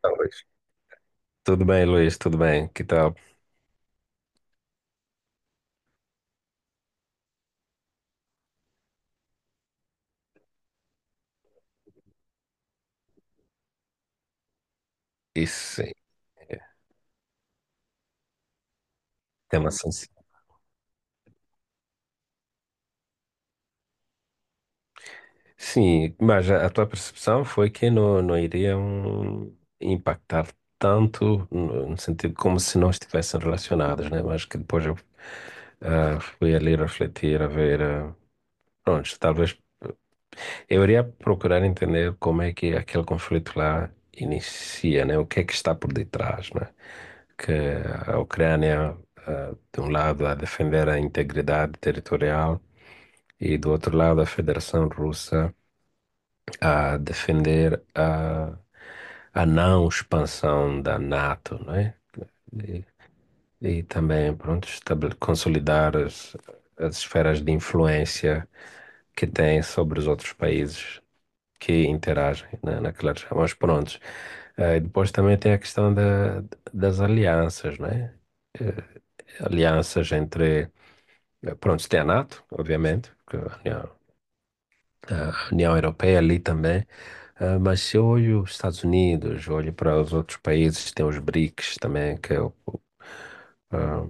Tá, Luiz. Tudo bem, Luiz, tudo bem. Que tal? Isso é tema sensível. Sim, mas a tua percepção foi que não iriam impactar tanto, no sentido como se não estivessem relacionados, né? Mas que depois eu fui ali refletir, a ver. Pronto, talvez eu iria procurar entender como é que aquele conflito lá inicia, né? O que é que está por detrás, né? Que a Ucrânia, de um lado, a defender a integridade territorial e do outro lado a Federação Russa a defender a não expansão da NATO, né? E, e também, pronto, consolidar as esferas de influência que têm sobre os outros países que interagem né, naquela região. Mas prontos. Depois também tem a questão das alianças, né? Eh, Alianças entre. Pronto, tem a NATO, obviamente, que a União Europeia ali também. Mas se eu olho os Estados Unidos, olho para os outros países, tem os BRICS também, que é o, a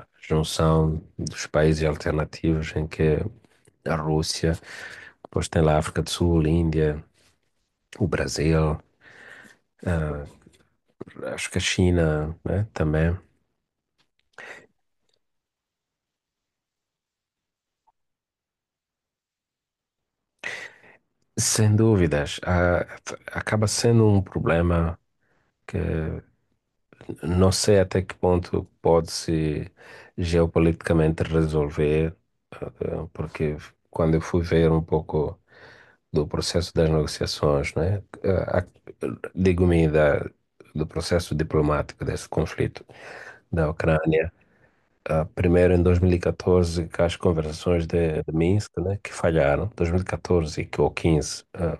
a junção dos países alternativos em que a Rússia, depois tem lá a África do Sul, Índia, o Brasil, ah, acho que a China, né, também. Sem dúvidas, acaba sendo um problema que não sei até que ponto pode-se geopoliticamente resolver, porque quando eu fui ver um pouco do processo das negociações, né, eh, a- digo-me do processo diplomático desse conflito da Ucrânia, primeiro em 2014, com as conversações de Minsk, né, que falharam, 2014 e 14 ou 15,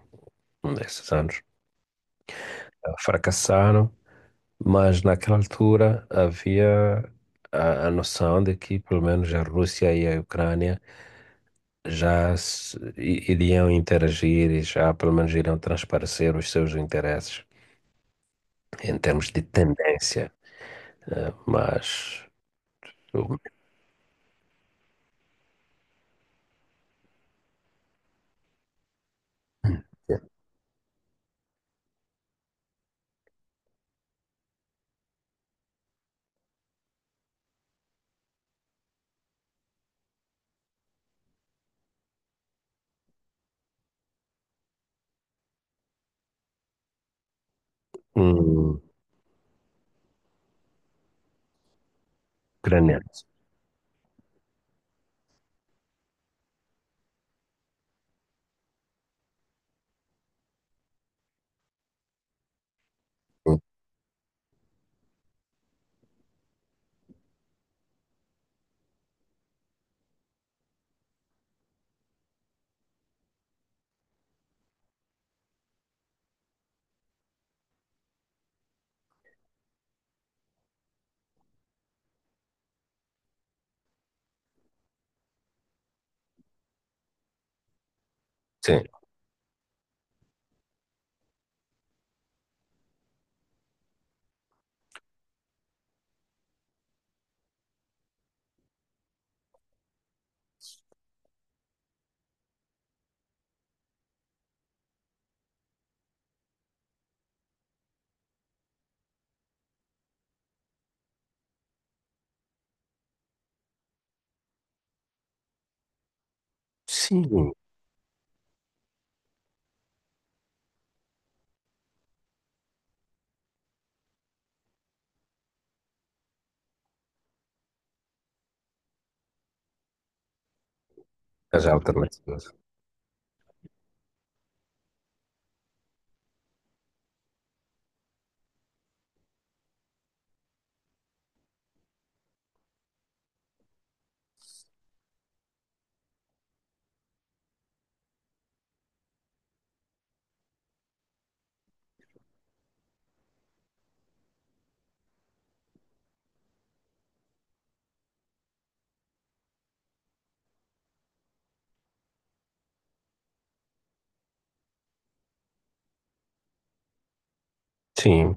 um desses anos, fracassaram. Mas naquela altura havia a noção de que pelo menos a Rússia e a Ucrânia já iriam interagir e já pelo menos iriam transparecer os seus interesses em termos de tendência. Mas o- um ucraniano, sim, sim, as alternativas, sim,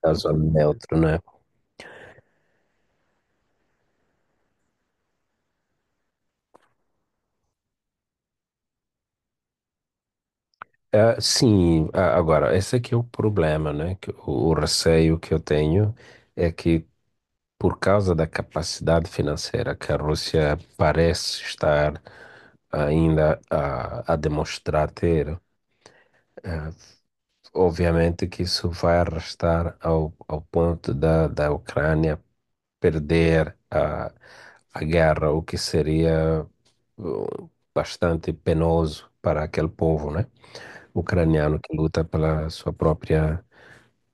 caso neutro, né? Sim, agora, esse aqui é o problema, né? Que o receio que eu tenho é que por causa da capacidade financeira que a Rússia parece estar ainda a demonstrar ter, eh, obviamente que isso vai arrastar ao ponto da Ucrânia perder a guerra, o que seria bastante penoso para aquele povo, né? Ucraniano que luta pela sua própria,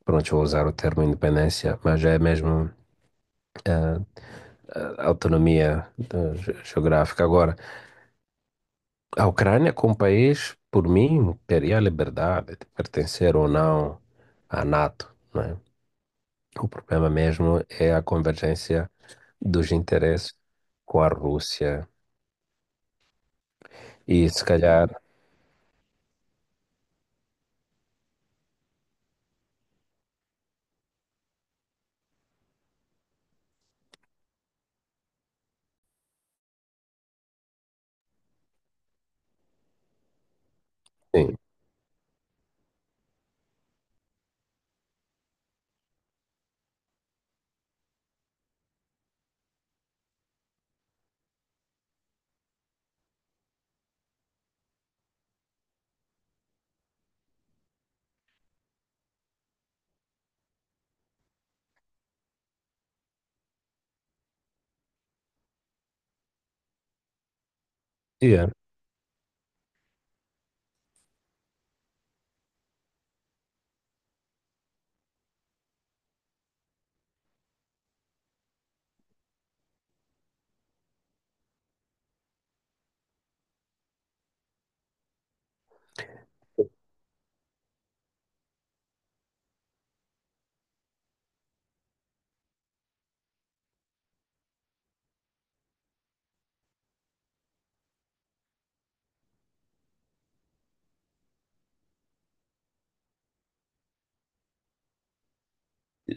pronto, vou usar o termo independência, mas é mesmo eh, a autonomia geográfica. Agora, a Ucrânia como país, por mim, teria a liberdade de pertencer ou não à NATO, não é? O problema mesmo é a convergência dos interesses com a Rússia. E se calhar, sim, yeah,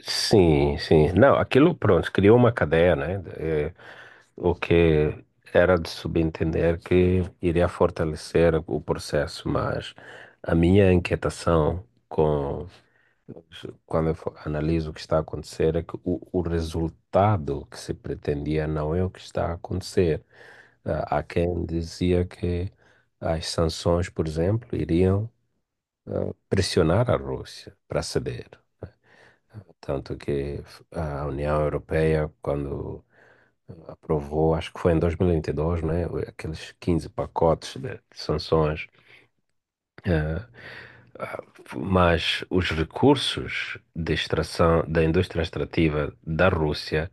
sim, sim. Não, aquilo pronto, criou uma cadeia, né? É, o que era de subentender que iria fortalecer o processo, mas a minha inquietação com quando eu analiso o que está a acontecer, é que o resultado que se pretendia não é o que está a acontecer. Há quem dizia que as sanções, por exemplo, iriam pressionar a Rússia para ceder. Tanto que a União Europeia, quando aprovou, acho que foi em 2022, né, aqueles 15 pacotes de sanções, ah, Ah, mas os recursos de extração da indústria extrativa da Rússia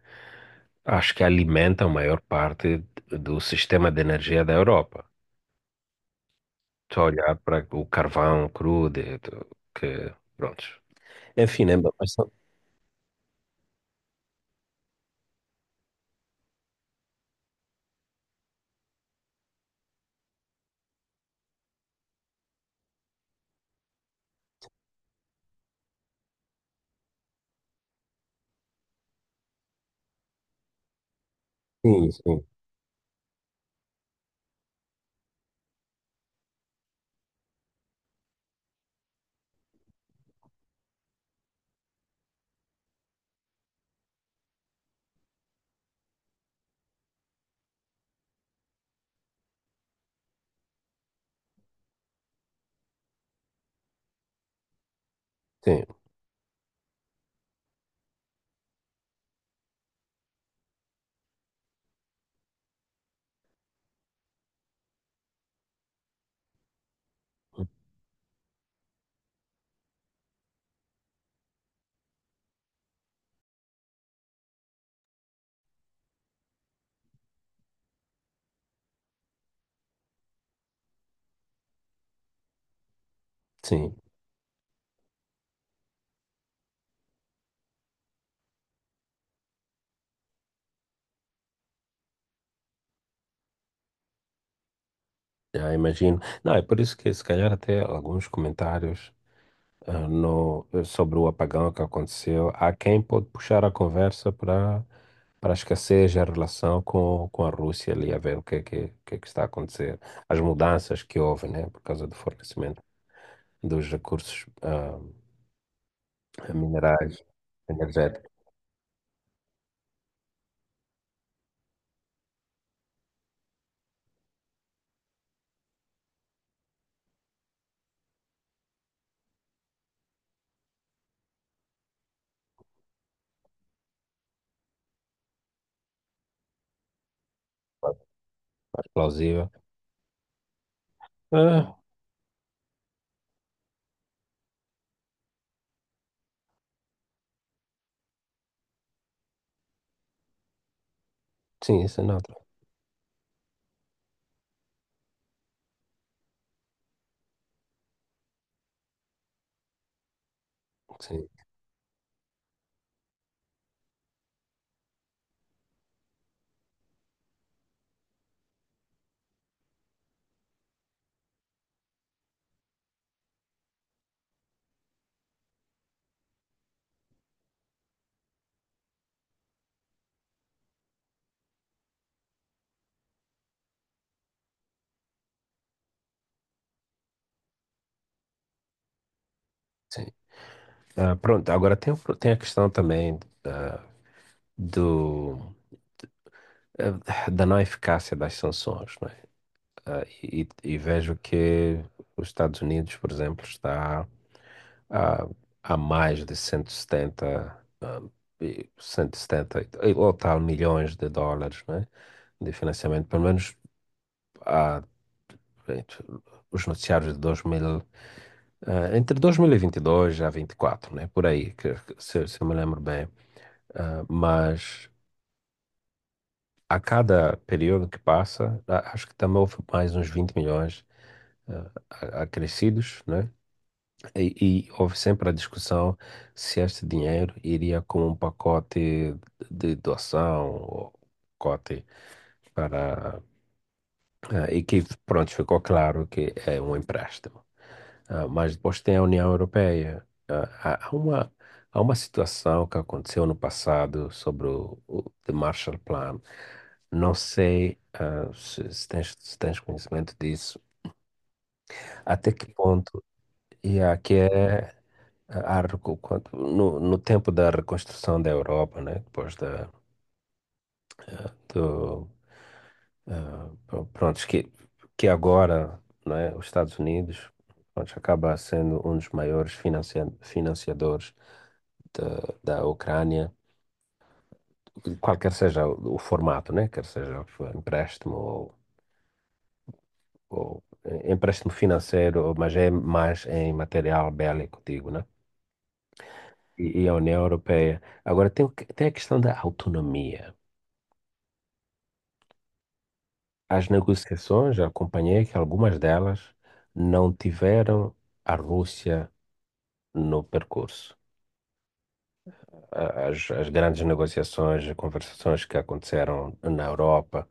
acho que alimentam a maior parte do sistema de energia da Europa. Só olhar para o carvão cru, que, pronto. Enfim, né? Mas são- sim, sim, sim, sim, já imagino. Não, é por isso que se calhar até alguns comentários. Ah, no, eh, Sobre o apagão que aconteceu, há quem pode puxar a conversa para esquecer a relação com a Rússia ali, a ver o que é que está a acontecer, as mudanças que houve, né, por causa do fornecimento dos recursos minerais, energéticos, explosiva. Ah, sim, isso é neutro. Sim, sim. Pronto, agora tem, tem a questão também ah, do, da não eficácia das sanções. E vejo que os Estados Unidos, por exemplo, está a, a mais de 170, e 170 ou tal milhões de dólares, né, de financiamento, pelo menos há, entre os noticiários de 2000, entre 2022 a 24, né, por aí, se eu me lembro bem. Mas a cada período que passa, acho que também houve mais uns 20 milhões acrescidos, né? E houve sempre a discussão se este dinheiro iria como um pacote de doação ou pacote para a equipe. Pronto, ficou claro que é um empréstimo. Mas depois tem a União Europeia. Há uma situação que aconteceu no passado sobre o The Marshall Plan. Não sei, se, se tens conhecimento disso, até que ponto, e aqui é A recu- quando- no, no tempo da reconstrução da Europa, né? Depois da, do, ah, pr- prontos, que agora, né? Os Estados Unidos, prontos, acaba sendo um dos maiores financiadores da Ucrânia, qualquer seja o formato, né? Quer seja for empréstimo empréstimo financeiro, mas é mais em material bélico, digo, né? E a União Europeia. Agora, tem, tem a questão da autonomia. As negociações, acompanhei que algumas delas não tiveram a Rússia no percurso. As grandes negociações, conversações que aconteceram na Europa,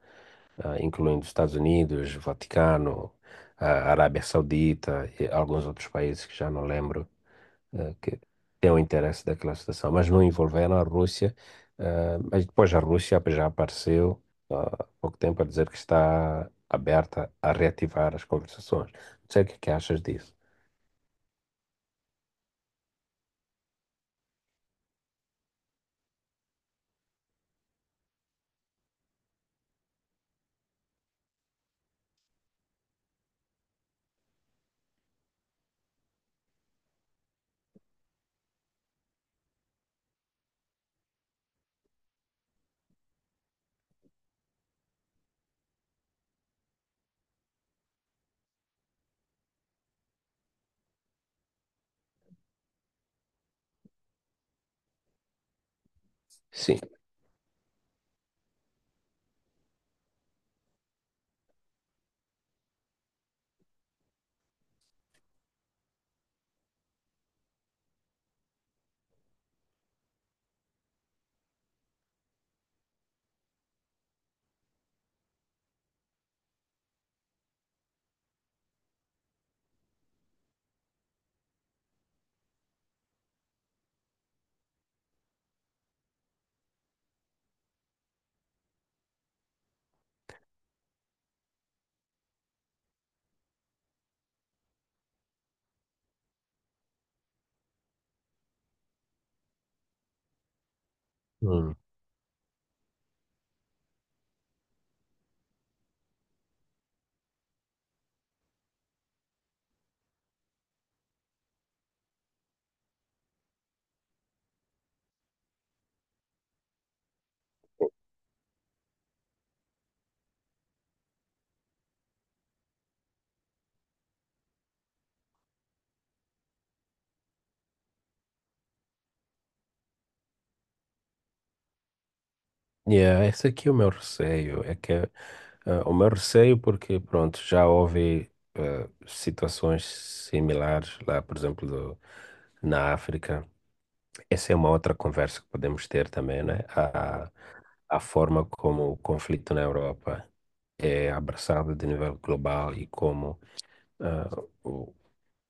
incluindo Estados Unidos, Vaticano, a Arábia Saudita e alguns outros países que já não lembro, que tem o interesse daquela situação, mas não envolveram a Rússia. Mas depois a Rússia já apareceu há pouco tempo a dizer que está aberta a reativar as conversações. Não sei o que é que achas disso. Sim. Hum. Yeah, esse aqui é o meu receio. É que o meu receio porque, pronto, já houve situações similares lá, por exemplo, na África. Essa é uma outra conversa que podemos ter também, né? A forma como o conflito na Europa é abraçado de nível global e como ah, o-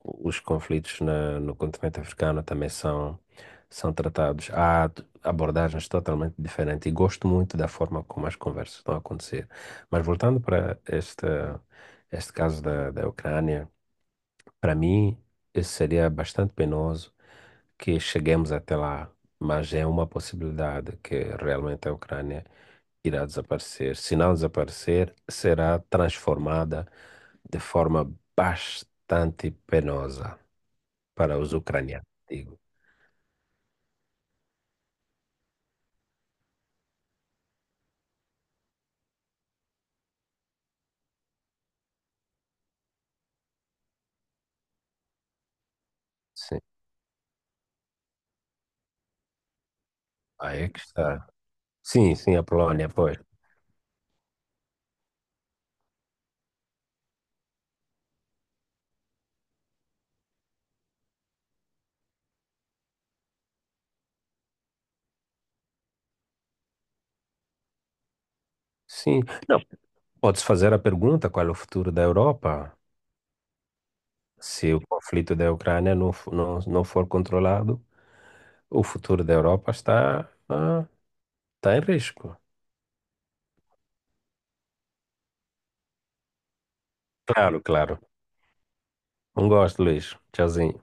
os conflitos no continente africano também são tratados. Há abordagens totalmente diferentes e gosto muito da forma como as conversas estão a acontecer. Mas voltando para este caso da Ucrânia, para mim, isso seria bastante penoso que cheguemos até lá, mas é uma possibilidade que realmente a Ucrânia irá desaparecer. Se não desaparecer, será transformada de forma bastante penosa para os ucranianos, digo. Sim, aí é que está. Sim, sim, a Polónia, pois. Sim, não. Podes fazer a pergunta qual é o futuro da Europa? Se o conflito da Ucrânia não for controlado, o futuro da Europa ah, está em risco. Claro, claro. Um gosto, Luís. Tchauzinho.